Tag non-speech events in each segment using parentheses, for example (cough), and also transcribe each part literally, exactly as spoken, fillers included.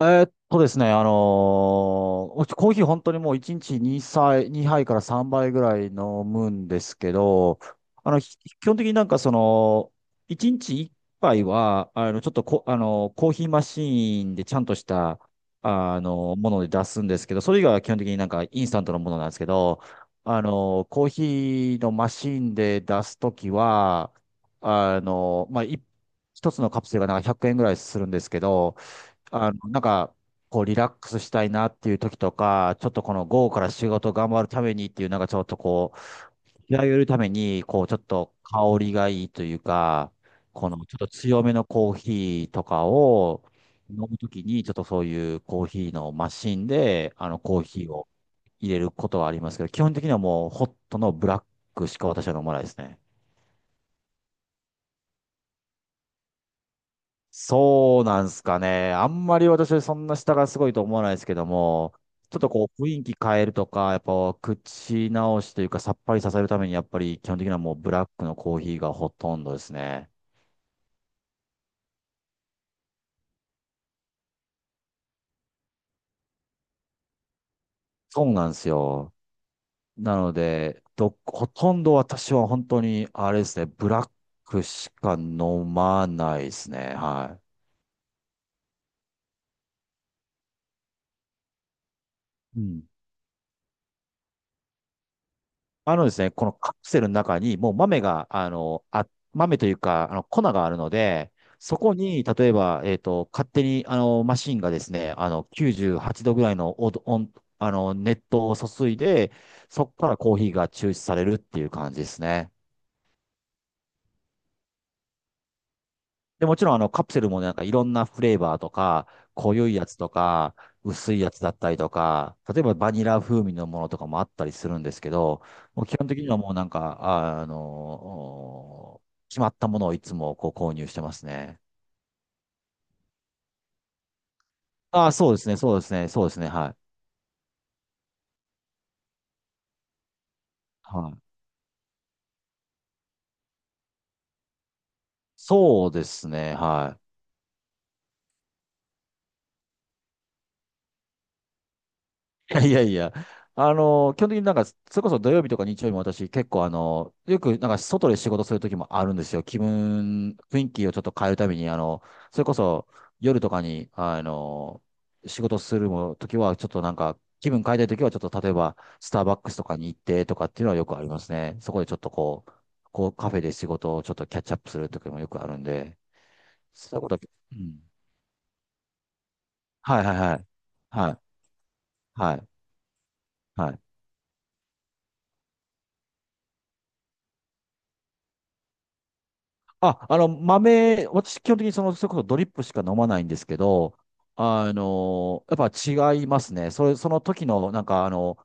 えーっとですね、あのーうちコーヒー本当にもういちにちにはい、にはいからさんばいぐらい飲むんですけど、あの、ひ基本的になんかその、いちにちいっぱいは、あの、ちょっとこ、あの、コーヒーマシーンでちゃんとした、あの、もので出すんですけど、それ以外は基本的になんかインスタントのものなんですけど、あの、コーヒーのマシーンで出すときは、あの、まあ、い一つのカプセルがなんかひゃくえんぐらいするんですけど、あの、なんか、こう、リラックスしたいなっていう時とか、ちょっとこの午後から仕事頑張るためにっていう、なんかちょっとこう、気合を入れるために、こう、ちょっと香りがいいというか、このちょっと強めのコーヒーとかを飲むときに、ちょっとそういうコーヒーのマシンで、あの、コーヒーを入れることはありますけど、基本的にはもうホットのブラックしか私は飲まないですね。そうなんすかね。あんまり私はそんな下がすごいと思わないですけども、ちょっとこう雰囲気変えるとか、やっぱ口直しというかさっぱりさせるためにやっぱり基本的にはもうブラックのコーヒーがほとんどですね。そうなんですよ。なので、ど、ほとんど私は本当にあれですね、ブラックしか飲まないですね。はい。うん。あのですね、このカプセルの中にもう豆が、あの、あ、豆というか、あの、粉があるので、そこに、例えば、えっと、勝手に、あの、マシンがですね、あの、きゅうじゅうはちどぐらいの温温あの、熱湯を注いで、そこからコーヒーが抽出されるっていう感じですね。で、もちろんあのカプセルもなんかいろんなフレーバーとか、濃いやつとか、薄いやつだったりとか、例えばバニラ風味のものとかもあったりするんですけど、もう基本的にはもうなんか、あ、あのー決まったものをいつもこう購入してますね。ああ、そうですね、そうですね、そうですね、はい。はい。そうですね、はい。いやいや (laughs) いや、(laughs) あの、基本的になんか、それこそ土曜日とか日曜日も私結構あの、よくなんか外で仕事する時もあるんですよ。気分、雰囲気をちょっと変えるために、あの、それこそ夜とかに、あの、仕事するも時はちょっとなんか、気分変えたい時はちょっと例えば、スターバックスとかに行ってとかっていうのはよくありますね。そこでちょっとこう、こうカフェで仕事をちょっとキャッチアップする時もよくあるんで、そういうこと、うん。はいはいはい。はい。はい。はい。あ、あの、豆、私、基本的にその、それこそドリップしか飲まないんですけど、あの、やっぱ違いますね。それ、その時の、なんか、あの、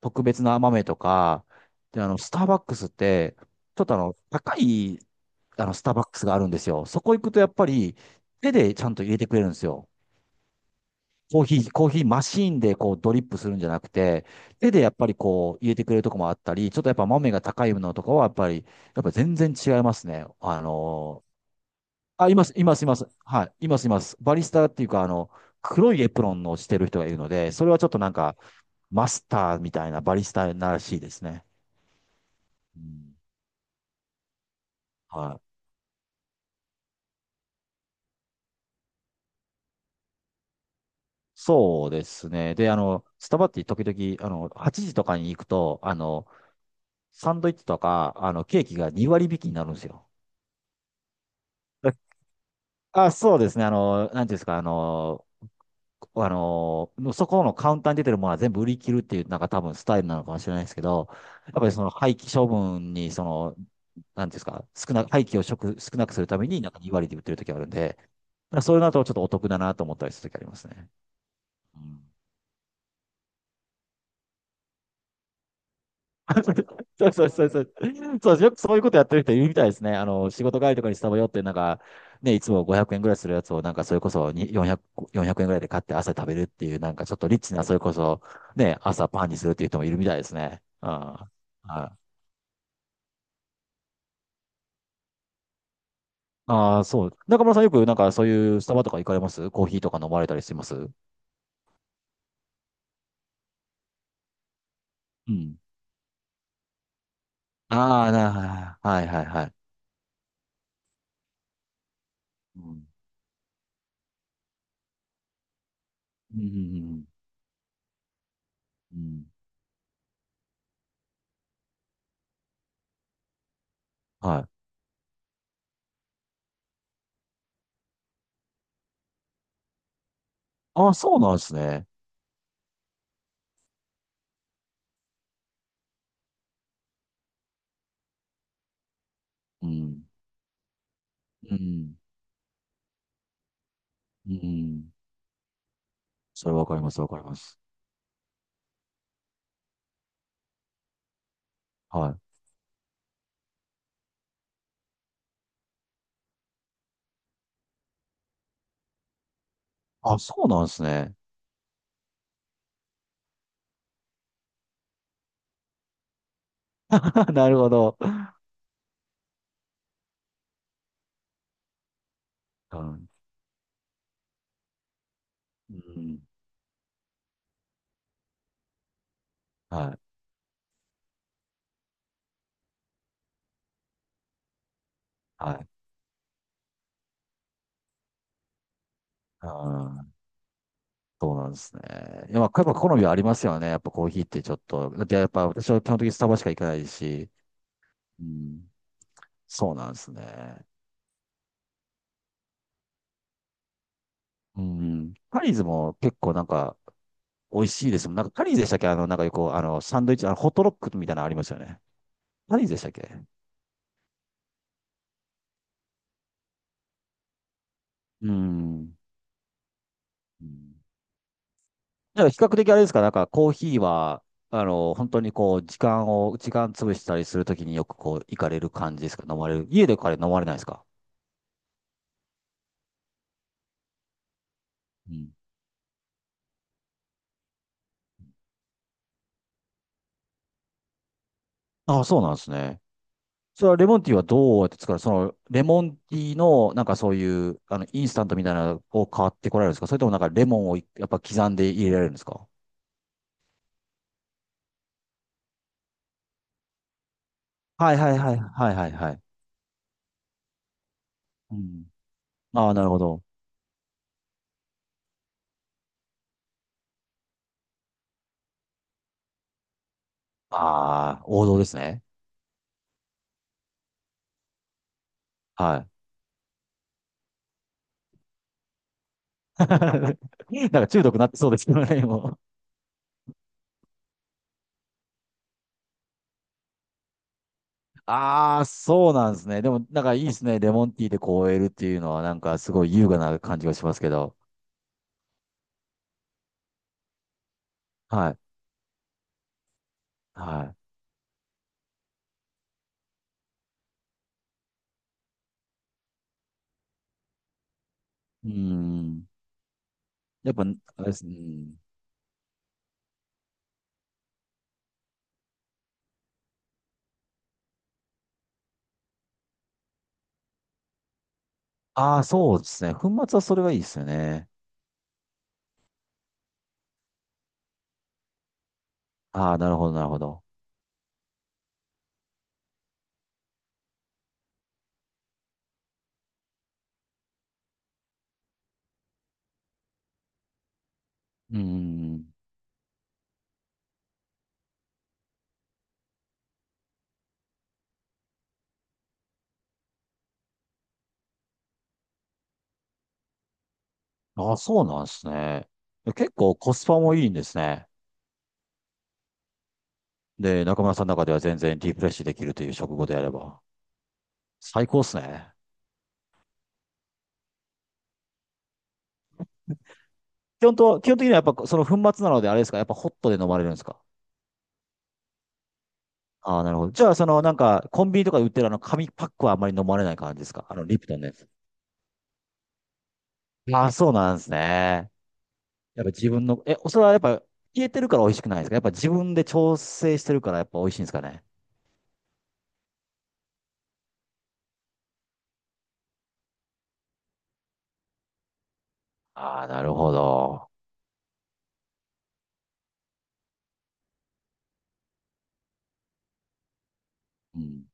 特別な豆とか、で、あの、スターバックスって、ちょっとあの、高い、あの、スターバックスがあるんですよ。そこ行くと、やっぱり、手でちゃんと入れてくれるんですよ。コーヒー、コーヒーマシーンでこうドリップするんじゃなくて、手でやっぱりこう入れてくれるとこもあったり、ちょっとやっぱ豆が高いのとかはやっぱり、やっぱ全然違いますね。あのあ、います、います、います。はい、います、います。バリスタっていうか、あの、黒いエプロンをしてる人がいるので、それはちょっとなんか、マスターみたいなバリスタならしいですね。うん、はい。そうですね。で、あの、スタバって時々、あの、はちじとかに行くと、あの、サンドイッチとか、あの、ケーキがに割引きになるんですよ。あ、そうですね。あの、なんていうんですか、あの、あの、そこのカウンターに出てるものは全部売り切るっていう、なんか多分スタイルなのかもしれないですけど、やっぱりその廃棄処分に、その、なんていうんですか、少な、廃棄を食、少なくするために、なんかに割で売ってる時あるんで、まあそういうのだとちょっとお得だなと思ったりする時ありますね。うん。 (laughs) そうそうそうそう。そうよくそういうことやってる人いるみたいですね。あの、仕事帰りとかにスタバ寄って、なんか、ね、いつもごひゃくえんぐらいするやつを、なんかそれこそによんひゃく、よえんぐらいで買って朝食べるっていう、なんかちょっとリッチな、それこそ、ね、朝パンにするっていう人もいるみたいですね。うん。はい。ああ、そう。中村さんよくなんかそういうスタバとか行かれますコーヒーとか飲まれたりしますうん。ああ、なはいはいはい。うん。うん、うん、うん。うん、はい。ああ、そうなんですね。うん。うん。うん。それわかります、わかります。はい。あ、そうなんですね。(laughs) なるほど。うん。うん。はい。はい。うん。そうなんですね。いや、まあ、やっぱ好みはありますよね。やっぱコーヒーってちょっと。だってやっぱ私は基本的にスタバしか行かないし。うん。そうなんですね。うん。パリーズも結構なんか、美味しいですもん。なんか、カリーでしたっけ？あの、なんかよく、あの、サンドイッチ、あの、ホットロックみたいなのありますよね。カリーでしたっけ？うーん。うん。だから比較的あれですか？なんか、コーヒーは、あの、本当にこう、時間を、時間潰したりするときによくこう、行かれる感じですか？飲まれる。家でカレー飲まれないですか？うん。ああ、そうなんですね。それはレモンティーはどうやって作る？その、レモンティーの、なんかそういう、あの、インスタントみたいなのを買ってこられるんですか？それともなんかレモンをやっぱ刻んで入れられるんですか？はいはいはいはいはいはい。うん。ああ、なるほど。ああ、王道ですね。はい。(laughs) なんか中毒になってそうですけどね、もう。ああ、そうなんですね。でも、なんかいいですね。レモンティーでこう終えるっていうのは、なんかすごい優雅な感じがしますけど。はい。はい。うーん。やっぱ、あれですね。ああ、そうですね。粉末はそれがいいですよね。ああ、なるほど、なるほど。うーん。ああ、そうなんですね。結構コスパもいいんですね。で、中村さんの中では全然リフレッシュできるという食後であれば。最高っすね。基本と、基本的にはやっぱその粉末なのであれですか？やっぱホットで飲まれるんですか？ああー、なるほど。じゃあ、そのなんか、コンビニとかで売ってるあの紙パックはあんまり飲まれない感じですか？あの、リプトンのやつ。ああ、そうなんですね。やっぱ自分の、え、それはやっぱ消えてるから美味しくないですか？やっぱ自分で調整してるからやっぱ美味しいんですかね？ああなるほど。うん、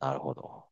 なるほど。